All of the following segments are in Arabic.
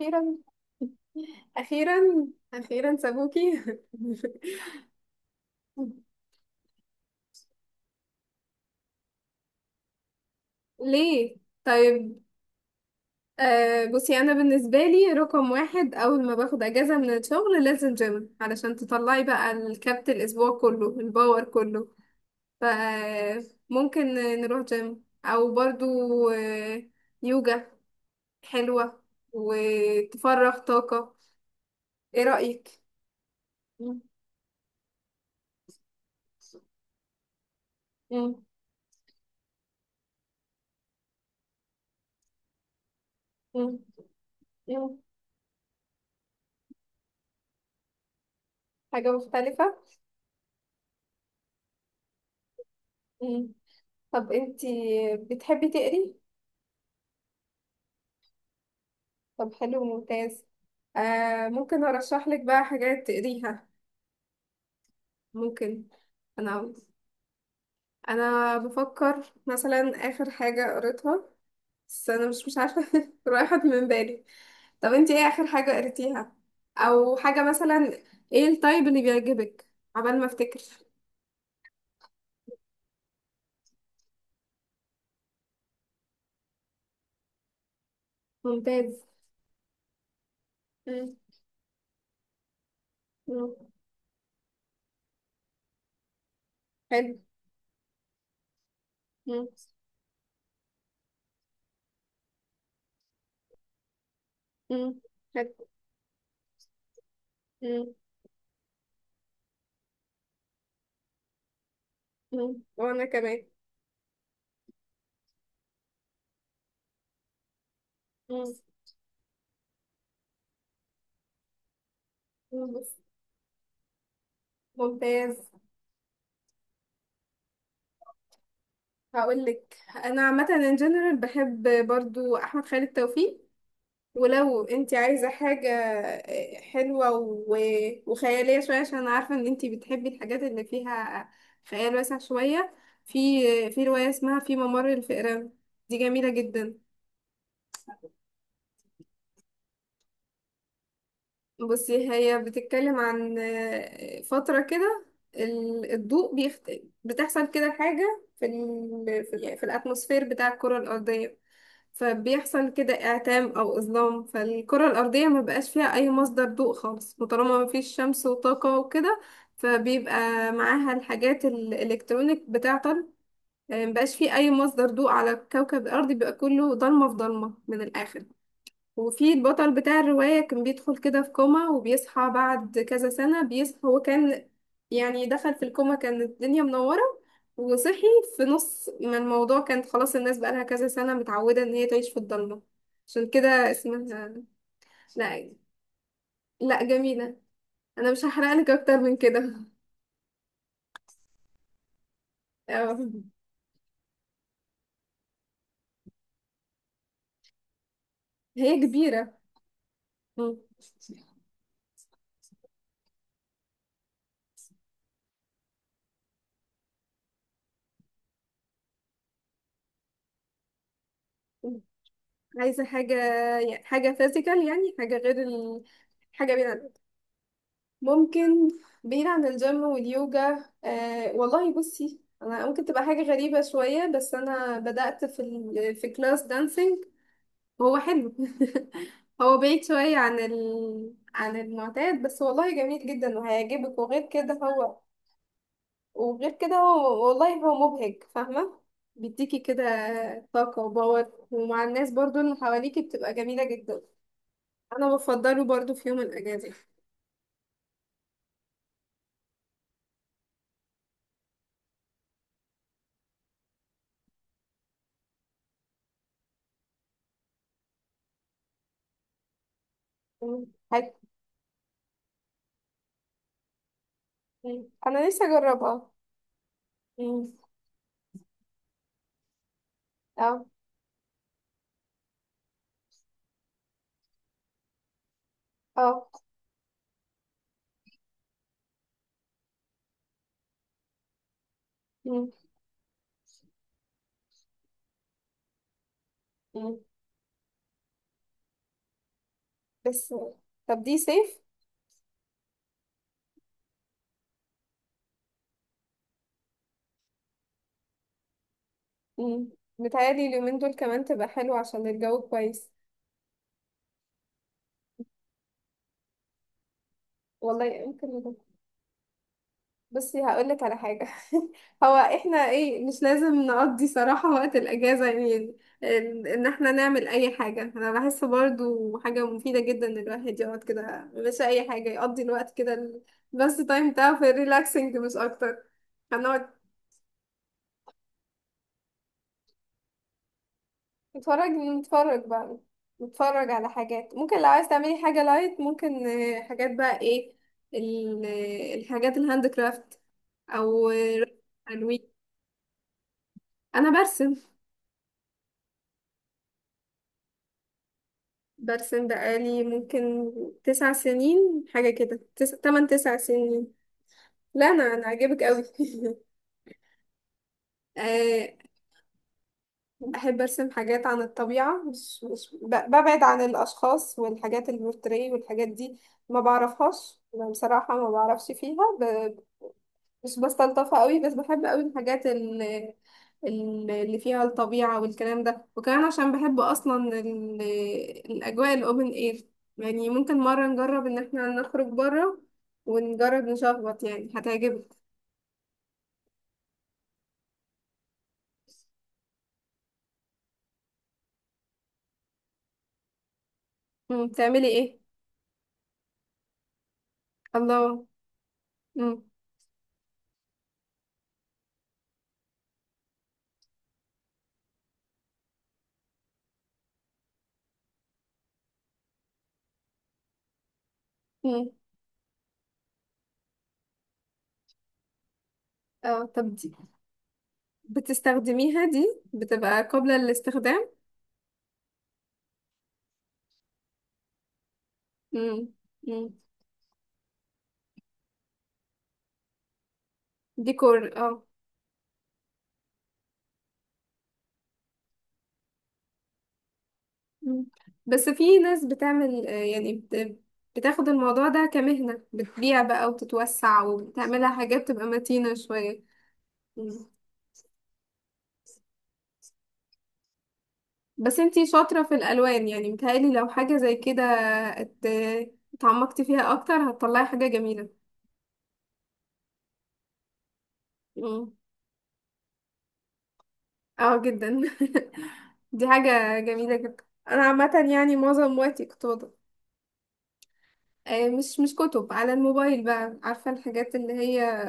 أخيرا. أخيرا. أخيرا سابوكي. ليه؟ طيب. آه بصي، أنا بالنسبة لي رقم واحد أول ما باخد أجازة من الشغل لازم جيم علشان تطلعي بقى الكبت الأسبوع كله، الباور كله. فممكن نروح جيم، أو برضو آه، يوجا حلوة وتفرغ طاقة. إيه رأيك؟ مم. مم. مم. مم. حاجة مختلفة؟ طب انتي بتحبي تقري؟ طب حلو، ممتاز. آه ممكن ارشح لك بقى حاجات تقريها. ممكن. انا انا بفكر مثلا اخر حاجة قريتها، بس انا مش عارفة، راحت من بالي. طب انتي ايه اخر حاجة قريتيها، او حاجة مثلا؟ ايه التايب اللي بيعجبك؟ عبال ما افتكر. ممتاز. مم. مم. حلو. مم. مم. حلو. مم. مم. وانا كمان. مم. مم. ممتاز. هقول لك، انا عامه ان جنرال بحب برضو احمد خالد توفيق. ولو انت عايزه حاجه حلوه وخياليه شويه، عشان أنا عارفه ان انت بتحبي الحاجات اللي فيها خيال واسع شويه. في في روايه اسمها في ممر الفئران، دي جميله جدا. بصي، هي بتتكلم عن فتره كده، الضوء بتحصل كده حاجه يعني في الاتموسفير بتاع الكره الارضيه. فبيحصل كده إعتام أو إظلام، فالكرة الأرضية ما بقاش فيها أي مصدر ضوء خالص. وطالما ما فيش شمس وطاقة وكده فبيبقى معاها الحاجات الإلكترونيك بتعطل. ما بقاش فيه أي مصدر ضوء على كوكب الأرض، بيبقى كله ضلمة في ضلمة من الآخر. وفي البطل بتاع الرواية كان بيدخل كده في كوما، وبيصحى بعد كذا سنة. بيصحى هو كان يعني دخل في الكوما كانت الدنيا منورة، وصحي في نص ما الموضوع كانت خلاص الناس بقالها كذا سنة متعودة إن هي تعيش في الضلمة. عشان كده اسمها. لا، لا جميلة. أنا مش هحرقلك أكتر من كده. آه، هي كبيرة. مم. عايزة حاجة، حاجة فيزيكال، يعني حاجة غير حاجة. ممكن بعيد عن الجيم واليوجا. آه والله بصي، انا ممكن تبقى حاجة غريبة شوية، بس انا بدأت في كلاس دانسينج. هو حلو. هو بعيد شوية عن عن المعتاد، بس والله جميل جدا وهيعجبك. وغير كده هو، وغير كده هو والله هو مبهج، فاهمة؟ بيديكي كده طاقة وباور، ومع الناس برضو اللي حواليكي بتبقى جميلة جدا. انا بفضله برضو في يوم الاجازة. حاجة- انا لسه اجربها. مم. اه، اه. مم. مم. بس. طب دي صيف. مم. متهيألي اليومين دول كمان تبقى حلوة عشان الجو كويس. والله يمكن بصي، هقولك على حاجة. هو احنا ايه، مش لازم نقضي صراحة وقت الأجازة يعني ان احنا نعمل اي حاجة. انا بحس برضو حاجة مفيدة جدا ان الواحد يقعد كده، مش اي حاجة يقضي الوقت كده بس تايم بتاعه في الريلاكسنج مش اكتر. هنقعد نتفرج بقى، نتفرج على حاجات. ممكن لو عايز تعملي حاجة لايت، ممكن حاجات بقى ايه الحاجات الهاند كرافت، او تلوين. انا برسم. برسم بقالي ممكن 9 سنين، حاجة كده 8 9 سنين. لا انا عاجبك قوي. آه، بحب ارسم حاجات عن الطبيعة، مش مش ب- ببعد عن الاشخاص والحاجات البورتريه والحاجات دي. ما بعرفهاش يعني بصراحة، ما بعرفش فيها مش بستلطفها قوي. بس بحب قوي الحاجات اللي فيها الطبيعة والكلام ده. وكمان عشان بحب أصلا الأجواء الأوبن إير. يعني ممكن مرة نجرب إن احنا نخرج بره ونجرب نشخبط، يعني هتعجبك. مم. بتعملي ايه؟ الله. مم. مم. اه، طب دي بتستخدميها، دي بتبقى قابلة للاستخدام؟ مم. مم. ديكور، اه. مم. بس في ناس بتعمل بتاخد الموضوع ده كمهنة، بتبيع بقى وتتوسع وبتعملها حاجات تبقى متينة شوية. مم. بس انتي شاطرة في الألوان، يعني متهيألي لو حاجة زي كده ات- اتعمقتي فيها أكتر هتطلعي حاجة جميلة. مم. اه جدا. دي حاجة جميلة جدا. أنا عامة يعني معظم وقتي كنت مش كتب، على الموبايل بقى، عارفة الحاجات اللي هي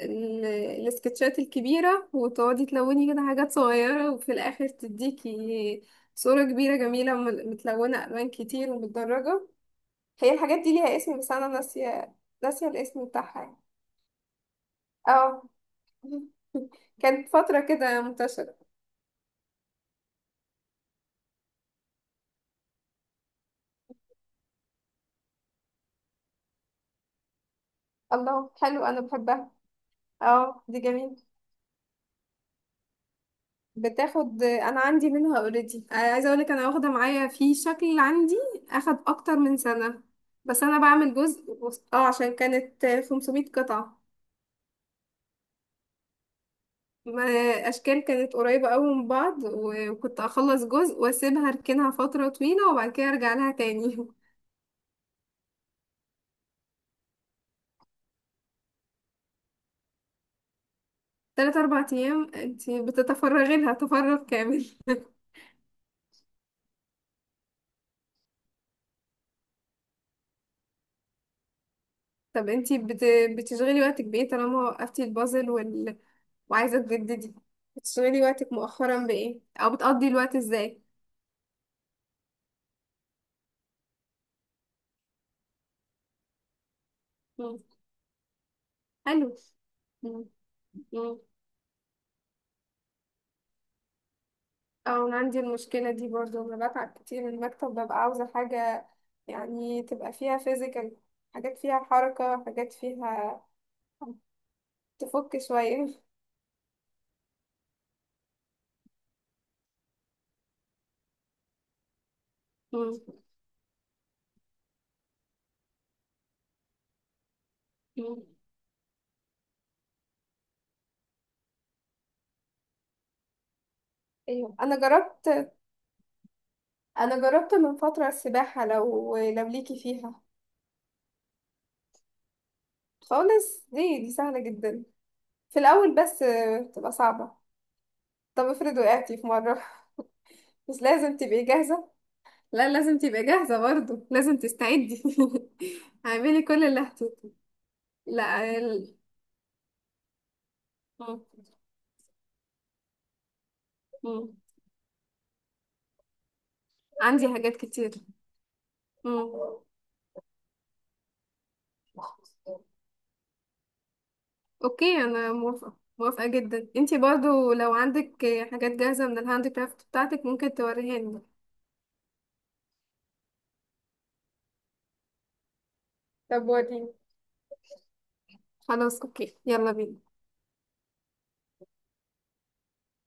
ال- السكتشات الكبيرة، وتقعدي تلوني كده حاجات صغيرة، وفي الآخر تديكي صورة كبيرة جميلة متلونة ألوان كتير ومتدرجة. هي الحاجات دي ليها اسم بس أنا ناسية. ناسية الاسم بتاعها يعني. اه كانت فترة كده منتشرة. الله، حلو. أنا بحبها. اه، دي جميلة. بتاخد. انا عندي منها اوريدي، عايزه اقولك انا واخده معايا، في شكل عندي اخد اكتر من سنه. بس انا بعمل جزء اه عشان كانت 500 قطعه. ما اشكال كانت قريبه قوي من بعض، وكنت اخلص جزء واسيبها اركنها فتره طويله، وبعد كده ارجع لها تاني. 3 4 ايام انتي بتتفرغي لها تفرغ كامل. طب انتي بتشغلي وقتك بايه طالما وقفتي البازل وعايزه تجددي؟ بتشغلي وقتك مؤخرا بايه، او بتقضي الوقت ازاي؟ مم. حلو. مم. مم. او انا عندي المشكله دي برضو، انا بتعب كتير من المكتب، ببقى عاوزه حاجه يعني تبقى فيها فيزيكال، حاجات فيها حركه، حاجات فيها تفك شويه. مم. مم. ايوه انا جربت من فتره السباحه، لو ليكي فيها. خالص دي سهله جدا. في الاول بس بتبقى صعبه. طب افرض وقعتي في مره مش لازم تبقي جاهزه؟ لا، لازم تبقى جاهزة برضو، لازم تستعدي. اعملي كل اللي هتقولي. لا مم. مم. عندي حاجات كتير. مم. اوكي، انا موافقة، موافقة جدا. انتي برضو لو عندك حاجات جاهزة من الهاند كرافت بتاعتك ممكن توريهاني. طب وريني. خلاص، اوكي، يلا بينا.